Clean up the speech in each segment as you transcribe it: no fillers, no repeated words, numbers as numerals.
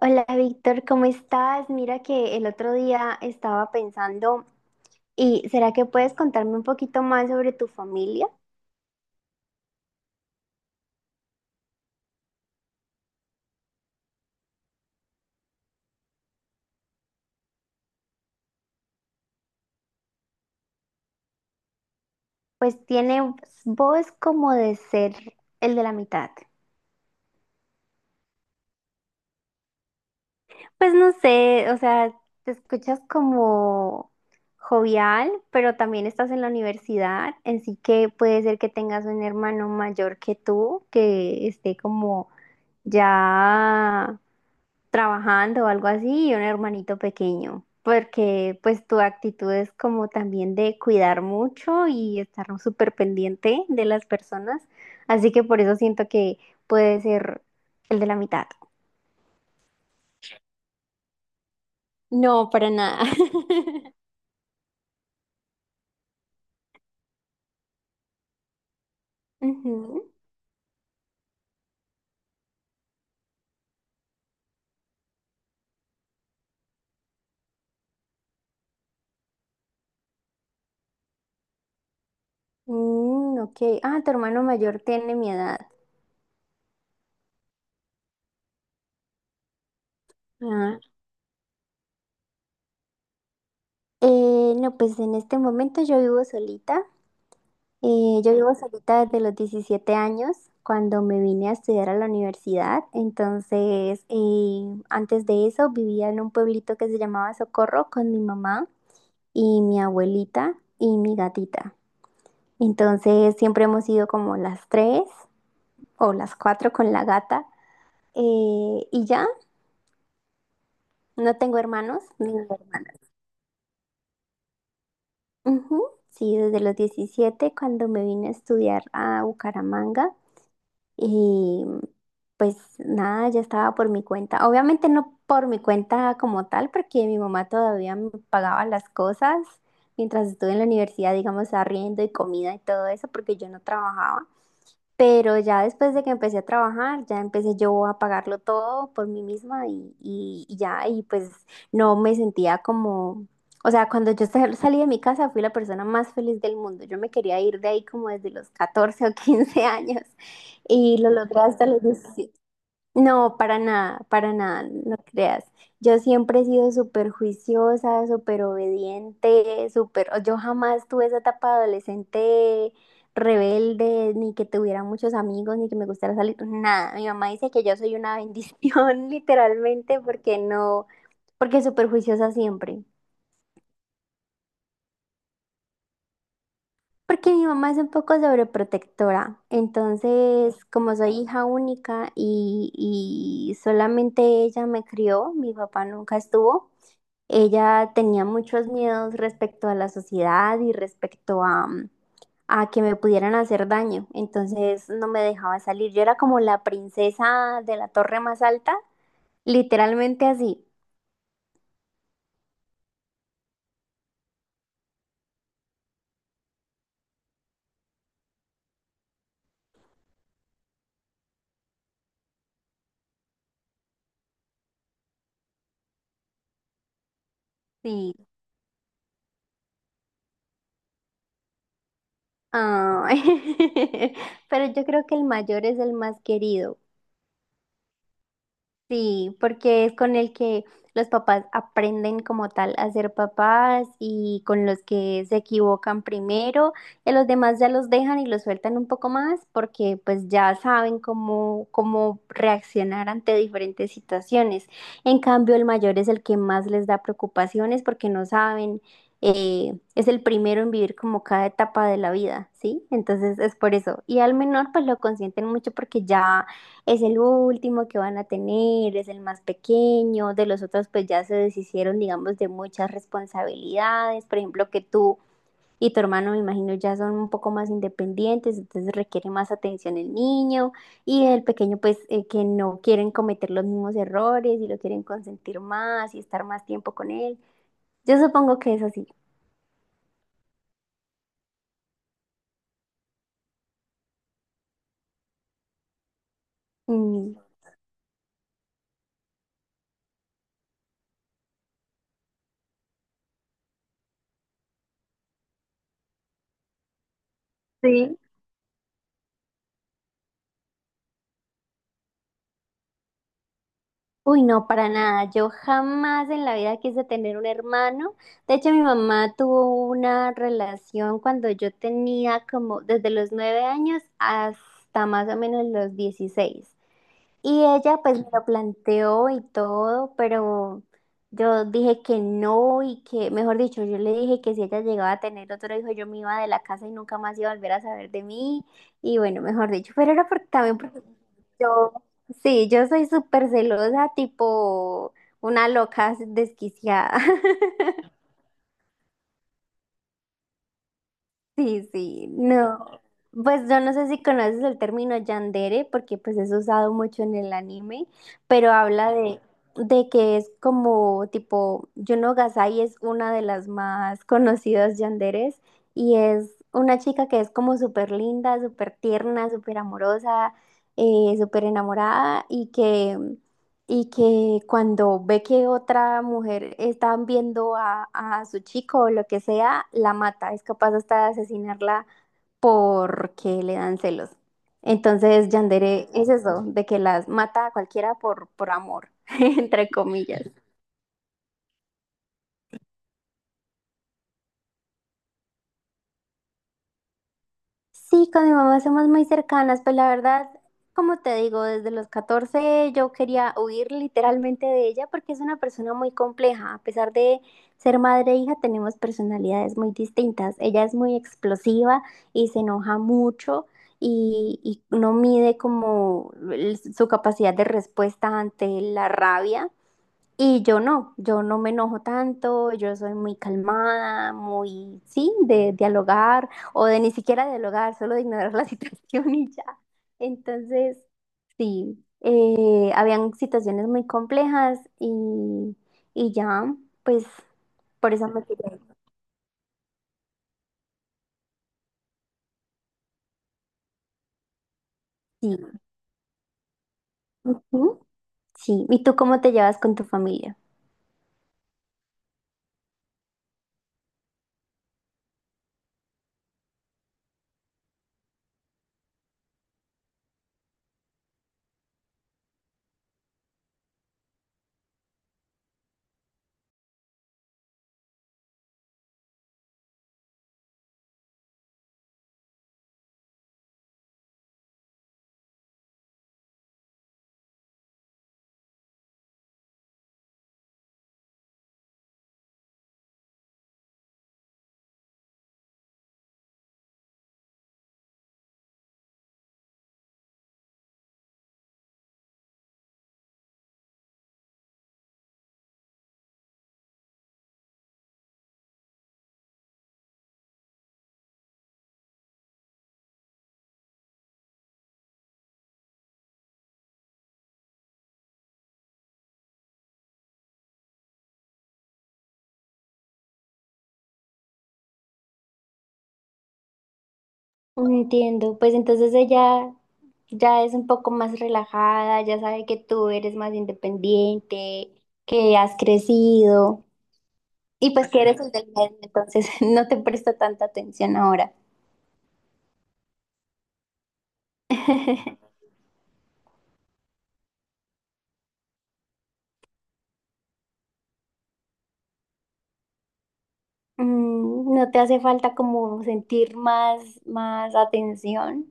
Hola Víctor, ¿cómo estás? Mira que el otro día estaba pensando, ¿y será que puedes contarme un poquito más sobre tu familia? Pues tiene voz como de ser el de la mitad. Pues no sé, o sea, te escuchas como jovial, pero también estás en la universidad, así que puede ser que tengas un hermano mayor que tú, que esté como ya trabajando o algo así y un hermanito pequeño, porque pues tu actitud es como también de cuidar mucho y estar súper pendiente de las personas, así que por eso siento que puede ser el de la mitad. No, para nada. Ujú. Mm, ok. Ah, tu hermano mayor tiene mi edad. Ah. No, pues en este momento yo vivo solita. Yo vivo solita desde los 17 años, cuando me vine a estudiar a la universidad. Entonces, antes de eso vivía en un pueblito que se llamaba Socorro con mi mamá y mi abuelita y mi gatita. Entonces, siempre hemos sido como las tres o las cuatro con la gata. Y ya, no tengo hermanos ni hermanas. Ujú. Sí, desde los 17 cuando me vine a estudiar a Bucaramanga. Y pues nada, ya estaba por mi cuenta. Obviamente no por mi cuenta como tal, porque mi mamá todavía me pagaba las cosas mientras estuve en la universidad, digamos, arriendo y comida y todo eso, porque yo no trabajaba. Pero ya después de que empecé a trabajar, ya empecé yo a pagarlo todo por mí misma y ya, y pues no me sentía como, o sea, cuando yo salí de mi casa fui la persona más feliz del mundo. Yo me quería ir de ahí como desde los 14 o 15 años y lo logré hasta los 17. No, para nada, no creas. Yo siempre he sido súper juiciosa, súper obediente, Yo jamás tuve esa etapa adolescente rebelde, ni que tuviera muchos amigos, ni que me gustara salir, nada. Mi mamá dice que yo soy una bendición, literalmente, porque no, porque súper juiciosa siempre. Porque mi mamá es un poco sobreprotectora. Entonces, como soy hija única y solamente ella me crió, mi papá nunca estuvo. Ella tenía muchos miedos respecto a la sociedad y respecto a que me pudieran hacer daño, entonces no me dejaba salir. Yo era como la princesa de la torre más alta, literalmente así. Sí. Ah. Pero yo creo que el mayor es el más querido. Sí, porque es con el que los papás aprenden como tal a ser papás y con los que se equivocan primero, y a los demás ya los dejan y los sueltan un poco más porque pues ya saben cómo reaccionar ante diferentes situaciones. En cambio, el mayor es el que más les da preocupaciones porque no saben, es el primero en vivir como cada etapa de la vida, ¿sí? Entonces es por eso. Y al menor pues lo consienten mucho porque ya es el último que van a tener, es el más pequeño, de los otros pues ya se deshicieron, digamos, de muchas responsabilidades, por ejemplo, que tú y tu hermano, me imagino, ya son un poco más independientes, entonces requiere más atención el niño y el pequeño pues que no quieren cometer los mismos errores y lo quieren consentir más y estar más tiempo con él. Yo supongo que es así. Mm, sí. Uy, no, para nada. Yo jamás en la vida quise tener un hermano. De hecho, mi mamá tuvo una relación cuando yo tenía como desde los 9 años hasta más o menos los 16. Y ella pues me lo planteó y todo, pero yo dije que no y que, mejor dicho, yo le dije que si ella llegaba a tener otro hijo, yo me iba de la casa y nunca más iba a volver a saber de mí. Y bueno, mejor dicho, pero era porque también porque yo, sí, yo soy súper celosa, tipo una loca desquiciada. Sí, sí, no. Pues yo no sé si conoces el término yandere, porque pues es usado mucho en el anime, pero habla de que es como tipo, Yuno Gasai es una de las más conocidas yanderes y es una chica que es como súper linda, súper tierna, súper amorosa, súper enamorada y que cuando ve que otra mujer está viendo a su chico o lo que sea, la mata. Es capaz hasta de asesinarla porque le dan celos. Entonces, yandere es eso, de que las mata a cualquiera por amor, entre comillas. Sí, con mi mamá somos muy cercanas, pues la verdad, como te digo, desde los 14 yo quería huir literalmente de ella porque es una persona muy compleja. A pesar de ser madre e hija, tenemos personalidades muy distintas. Ella es muy explosiva y se enoja mucho y no mide como su capacidad de respuesta ante la rabia. Y yo no, yo no me enojo tanto, yo soy muy calmada, muy, sí, de dialogar o de ni siquiera dialogar, solo de ignorar la situación y ya. Entonces, sí, habían situaciones muy complejas y ya, pues, por eso me quedé ahí. Sí, ujú, sí. ¿Y tú cómo te llevas con tu familia? Entiendo, pues entonces ella ya es un poco más relajada, ya sabe que tú eres más independiente, que has crecido y pues que eres el del medio, entonces no te presta tanta atención ahora. Mm, ¿no te hace falta como sentir más atención?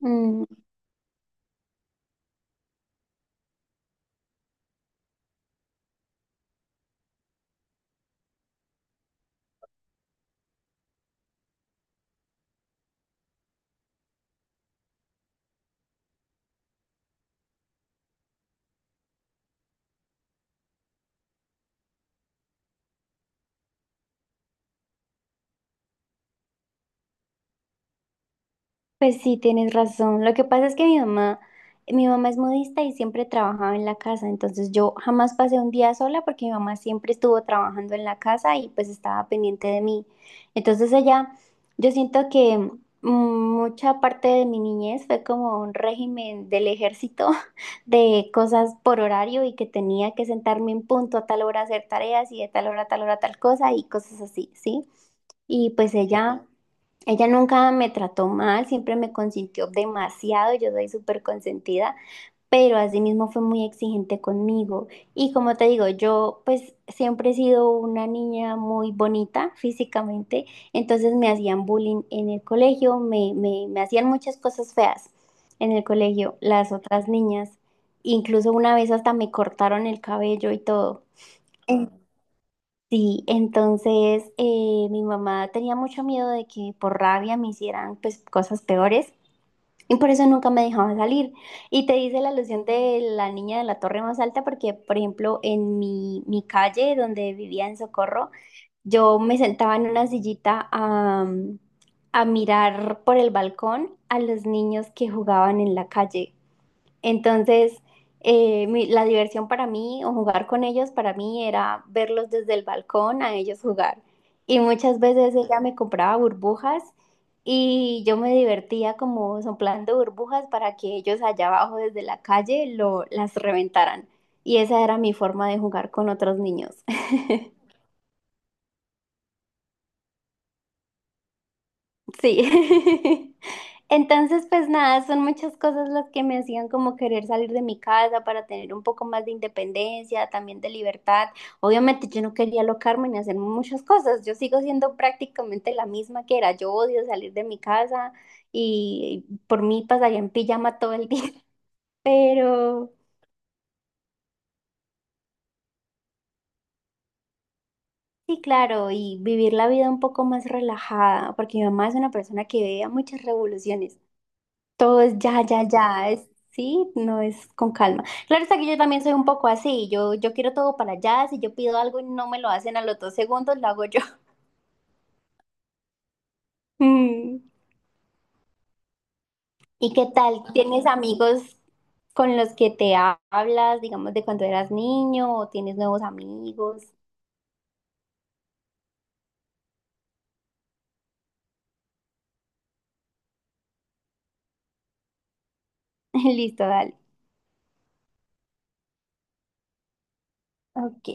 Mm. Pues sí, tienes razón. Lo que pasa es que mi mamá es modista y siempre trabajaba en la casa, entonces yo jamás pasé un día sola porque mi mamá siempre estuvo trabajando en la casa y pues estaba pendiente de mí. Entonces yo siento que mucha parte de mi niñez fue como un régimen del ejército de cosas por horario y que tenía que sentarme en punto a tal hora a hacer tareas y de tal hora a tal hora tal cosa y cosas así, ¿sí? Ok. Ella nunca me trató mal, siempre me consintió demasiado, yo soy súper consentida, pero asimismo fue muy exigente conmigo. Y como te digo, yo pues siempre he sido una niña muy bonita físicamente, entonces me hacían bullying en el colegio, me hacían muchas cosas feas en el colegio, las otras niñas. Incluso una vez hasta me cortaron el cabello y todo. Sí, entonces mi mamá tenía mucho miedo de que por rabia me hicieran pues cosas peores y por eso nunca me dejaba salir. Y te hice la alusión de la niña de la torre más alta porque, por ejemplo, en mi calle donde vivía en Socorro, yo me sentaba en una sillita a mirar por el balcón a los niños que jugaban en la calle. Entonces, la diversión para mí o jugar con ellos, para mí era verlos desde el balcón a ellos jugar. Y muchas veces ella me compraba burbujas y yo me divertía como soplando burbujas para que ellos allá abajo desde la calle las reventaran. Y esa era mi forma de jugar con otros niños. Sí. Entonces, pues nada, son muchas cosas las que me hacían como querer salir de mi casa para tener un poco más de independencia, también de libertad. Obviamente yo no quería alocarme ni hacer muchas cosas. Yo sigo siendo prácticamente la misma que era. Yo odio salir de mi casa y por mí pasaría en pijama todo el día. Pero sí, claro, y vivir la vida un poco más relajada, porque mi mamá es una persona que veía muchas revoluciones. Todo es ya, ya, ya, es, sí, no es con calma. Claro está que yo también soy un poco así, yo quiero todo para allá, si yo pido algo y no me lo hacen a los 2 segundos, lo hago yo. Mm. ¿Y qué tal? ¿Tienes amigos con los que te hablas, digamos, de cuando eras niño o tienes nuevos amigos? Listo, dale. Ok.